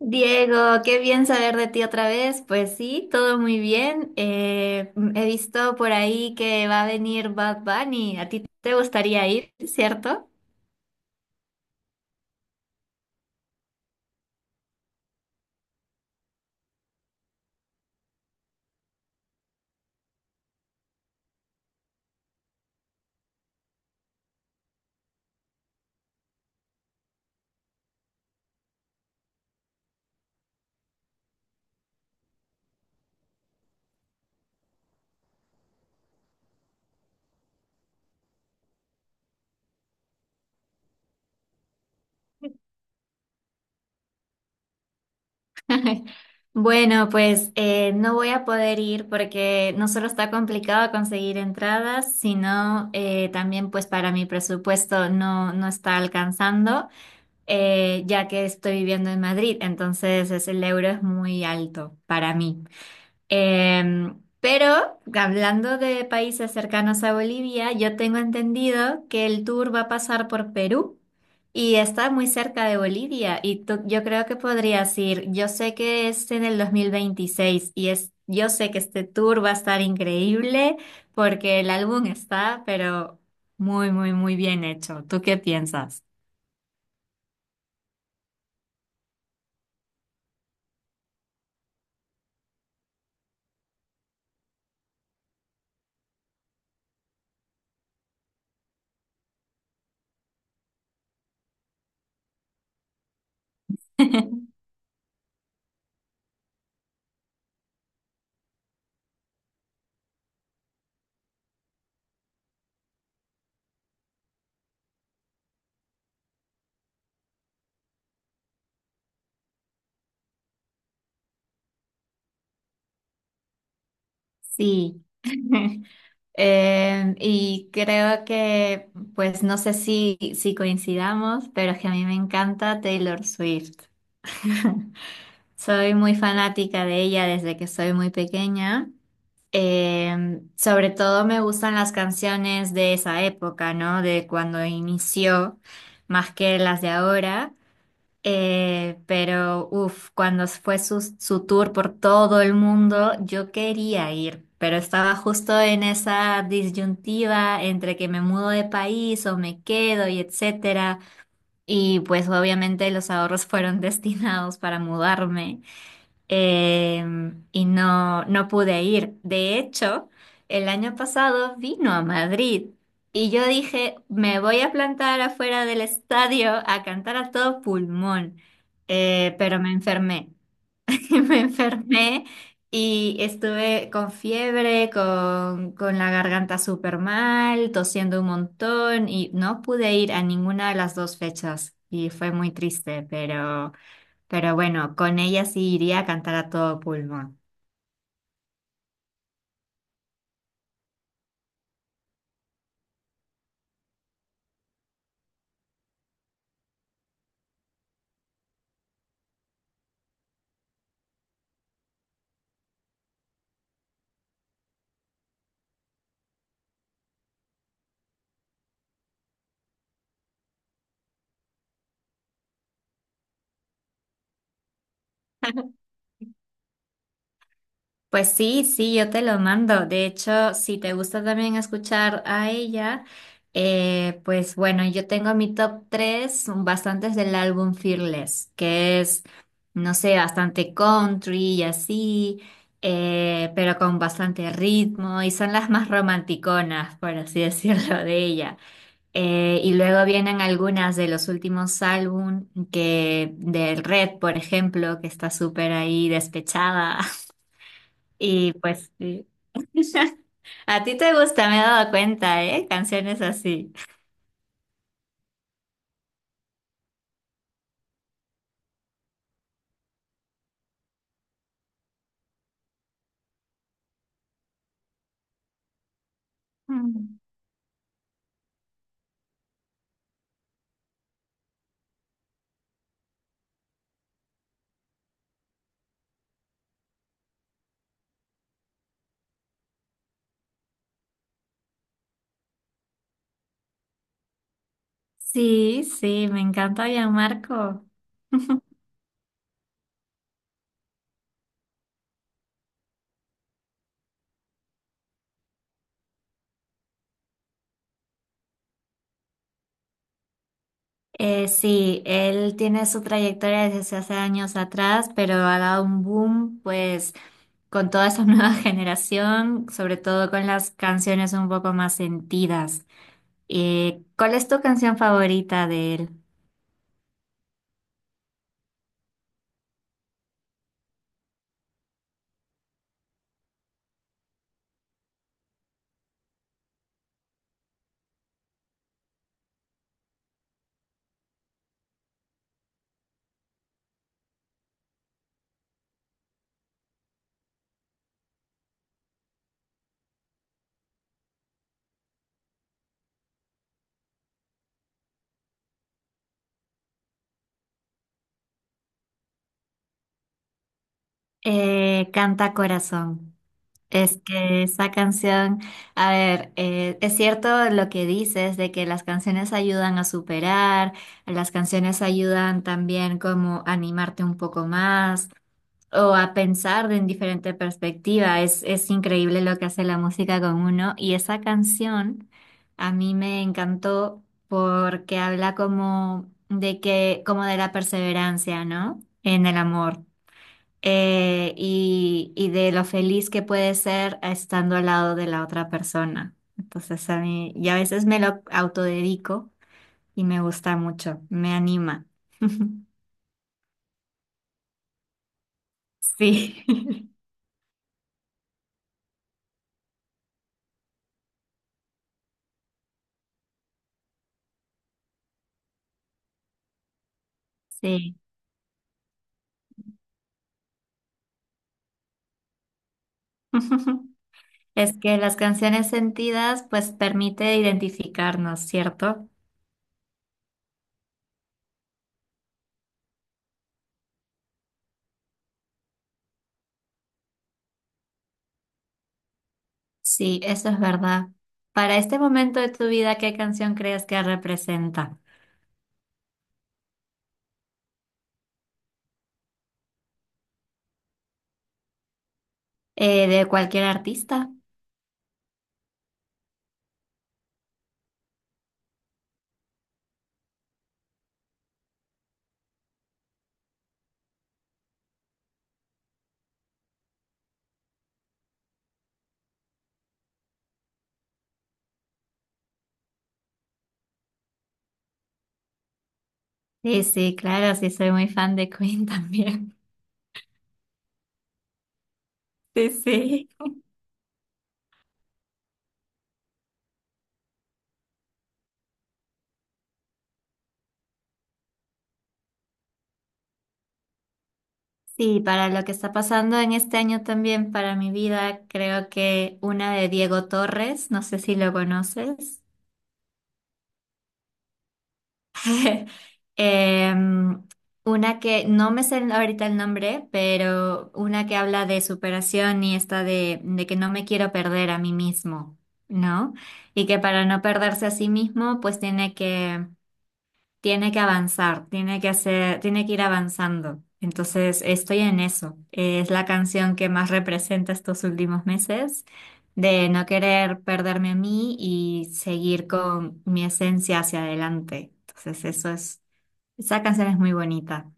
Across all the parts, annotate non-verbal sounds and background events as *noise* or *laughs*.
Diego, qué bien saber de ti otra vez. Pues sí, todo muy bien. He visto por ahí que va a venir Bad Bunny. ¿A ti te gustaría ir, cierto? *laughs* Bueno, pues no voy a poder ir porque no solo está complicado conseguir entradas, sino también pues para mi presupuesto no está alcanzando, ya que estoy viviendo en Madrid, entonces el euro es muy alto para mí. Pero hablando de países cercanos a Bolivia, yo tengo entendido que el tour va a pasar por Perú y está muy cerca de Bolivia y yo creo que podrías ir. Yo sé que es en el 2026 y yo sé que este tour va a estar increíble porque el álbum está, pero muy, muy, muy bien hecho. ¿Tú qué piensas? *laughs* Sí. *laughs* Y creo que, pues no sé si coincidamos, pero es que a mí me encanta Taylor Swift. *laughs* Soy muy fanática de ella desde que soy muy pequeña. Sobre todo me gustan las canciones de esa época, ¿no? De cuando inició, más que las de ahora. Pero, uff, cuando fue su tour por todo el mundo, yo quería ir, pero estaba justo en esa disyuntiva entre que me mudo de país o me quedo y etcétera. Y pues obviamente los ahorros fueron *laughs* destinados para mudarme eh, y no pude ir. De hecho, el año pasado vino a Madrid y yo dije, me voy a plantar afuera del estadio a cantar a todo pulmón. Pero me enfermé. *laughs* Me enfermé y estuve con fiebre, con la garganta súper mal, tosiendo un montón y no pude ir a ninguna de las dos fechas y fue muy triste, pero... Pero bueno, con ella sí iría a cantar a todo pulmón. Pues sí, sí, yo te lo mando. De hecho, si te gusta también escuchar a ella, pues bueno, yo tengo mi top 3, bastantes del álbum Fearless, que es, no sé, bastante country y así, pero con bastante ritmo y son las más romanticonas, por así *laughs* decirlo, de ella. Y luego vienen algunas de los últimos álbum que del Red, por ejemplo, que está súper ahí despechada. *laughs* Y pues sí. *laughs* A ti te gusta, me he dado cuenta, ¿eh? Canciones así. Mm. Sí, sí, me encanta Gianmarco. Sí, él tiene su trayectoria desde hace años atrás, pero ha dado un boom, pues, con toda esa *laughs* nueva generación, sobre todo con las canciones un poco más sentidas. ¿Y cuál es tu canción favorita de él? Canta Corazón. Es que esa canción, a ver, es cierto lo que dices de que las canciones ayudan a superar, las canciones ayudan también como a animarte un poco más, o a pensar de en diferente perspectiva. Es increíble lo que hace la música con uno. Y esa canción a mí me encantó porque habla como de que, como de la perseverancia, ¿no? En el amor. Y de lo feliz que puede ser estando al lado de la otra persona. Entonces y a veces me lo autodedico y me gusta mucho, me anima. *laughs* Sí, *laughs* sí. *laughs* Es que las canciones sentidas pues permite identificarnos, ¿cierto? Sí, eso es verdad. Para este momento de tu vida, ¿qué canción crees que representa? ¿De cualquier artista? Sí, sí, claro, sí, soy muy fan de Queen también. *laughs* Sí, sí. Sí, para lo que está pasando en este año también para mi vida, creo que una de Diego Torres, no sé si lo conoces. *laughs* Em, una que no me sé ahorita el nombre, pero una que habla de superación y esta de que no me quiero perder a mí mismo, ¿no? Y que para no perderse a sí mismo, pues tiene que avanzar, tiene que hacer, tiene que ir avanzando. Entonces, estoy en eso. Es la canción que más representa estos últimos meses, de no querer perderme a mí y seguir con mi esencia hacia adelante. Entonces, esa canción es muy bonita.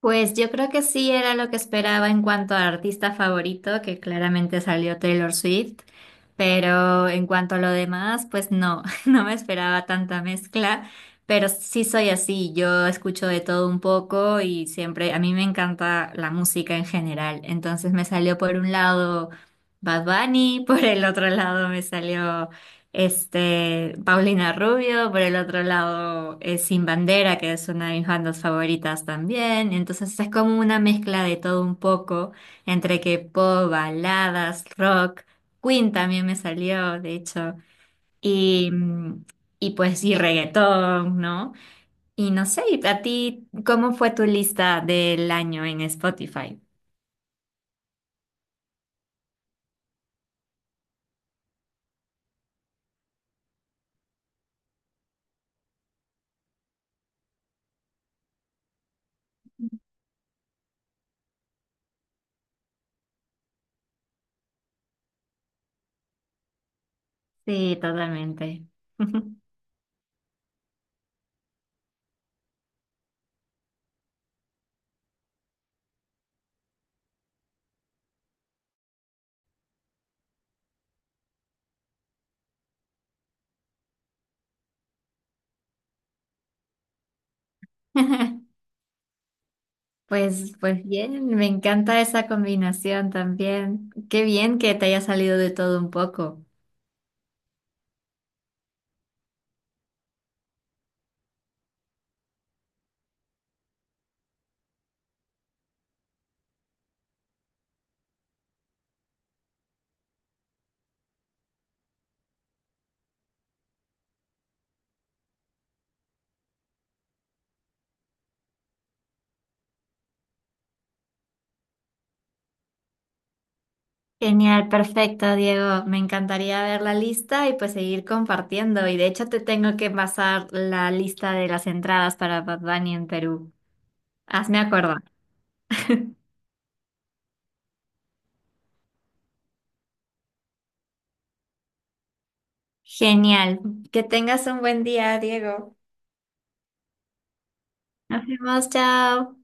Pues yo creo que sí era lo que esperaba en cuanto a artista favorito, que claramente salió Taylor Swift, pero en cuanto a lo demás, pues no, *laughs* no me esperaba tanta mezcla, pero sí soy así, yo escucho de todo un poco y siempre, a mí me encanta la música en general, entonces me salió por un lado Bad Bunny, *laughs* por el otro lado me salió Paulina Rubio, por el otro lado, Sin Bandera, que es una de mis bandas favoritas también. Entonces es como una mezcla de todo un poco, entre que pop, baladas, rock. Queen también me salió, de hecho. Y, mm, y pues, y reggaetón, ¿no? Y no sé, ¿cómo fue tu lista del año en Spotify? Sí, totalmente. *laughs* Pues bien, me encanta esa combinación también. Qué bien que te haya salido de todo un poco. Genial, perfecto, Diego. Me encantaría ver la lista y pues seguir compartiendo. Y de hecho te tengo que pasar la lista de las entradas para Bad Bunny en Perú. Hazme acuerdo. Genial. Que tengas un buen día, Diego. Nos vemos, chao.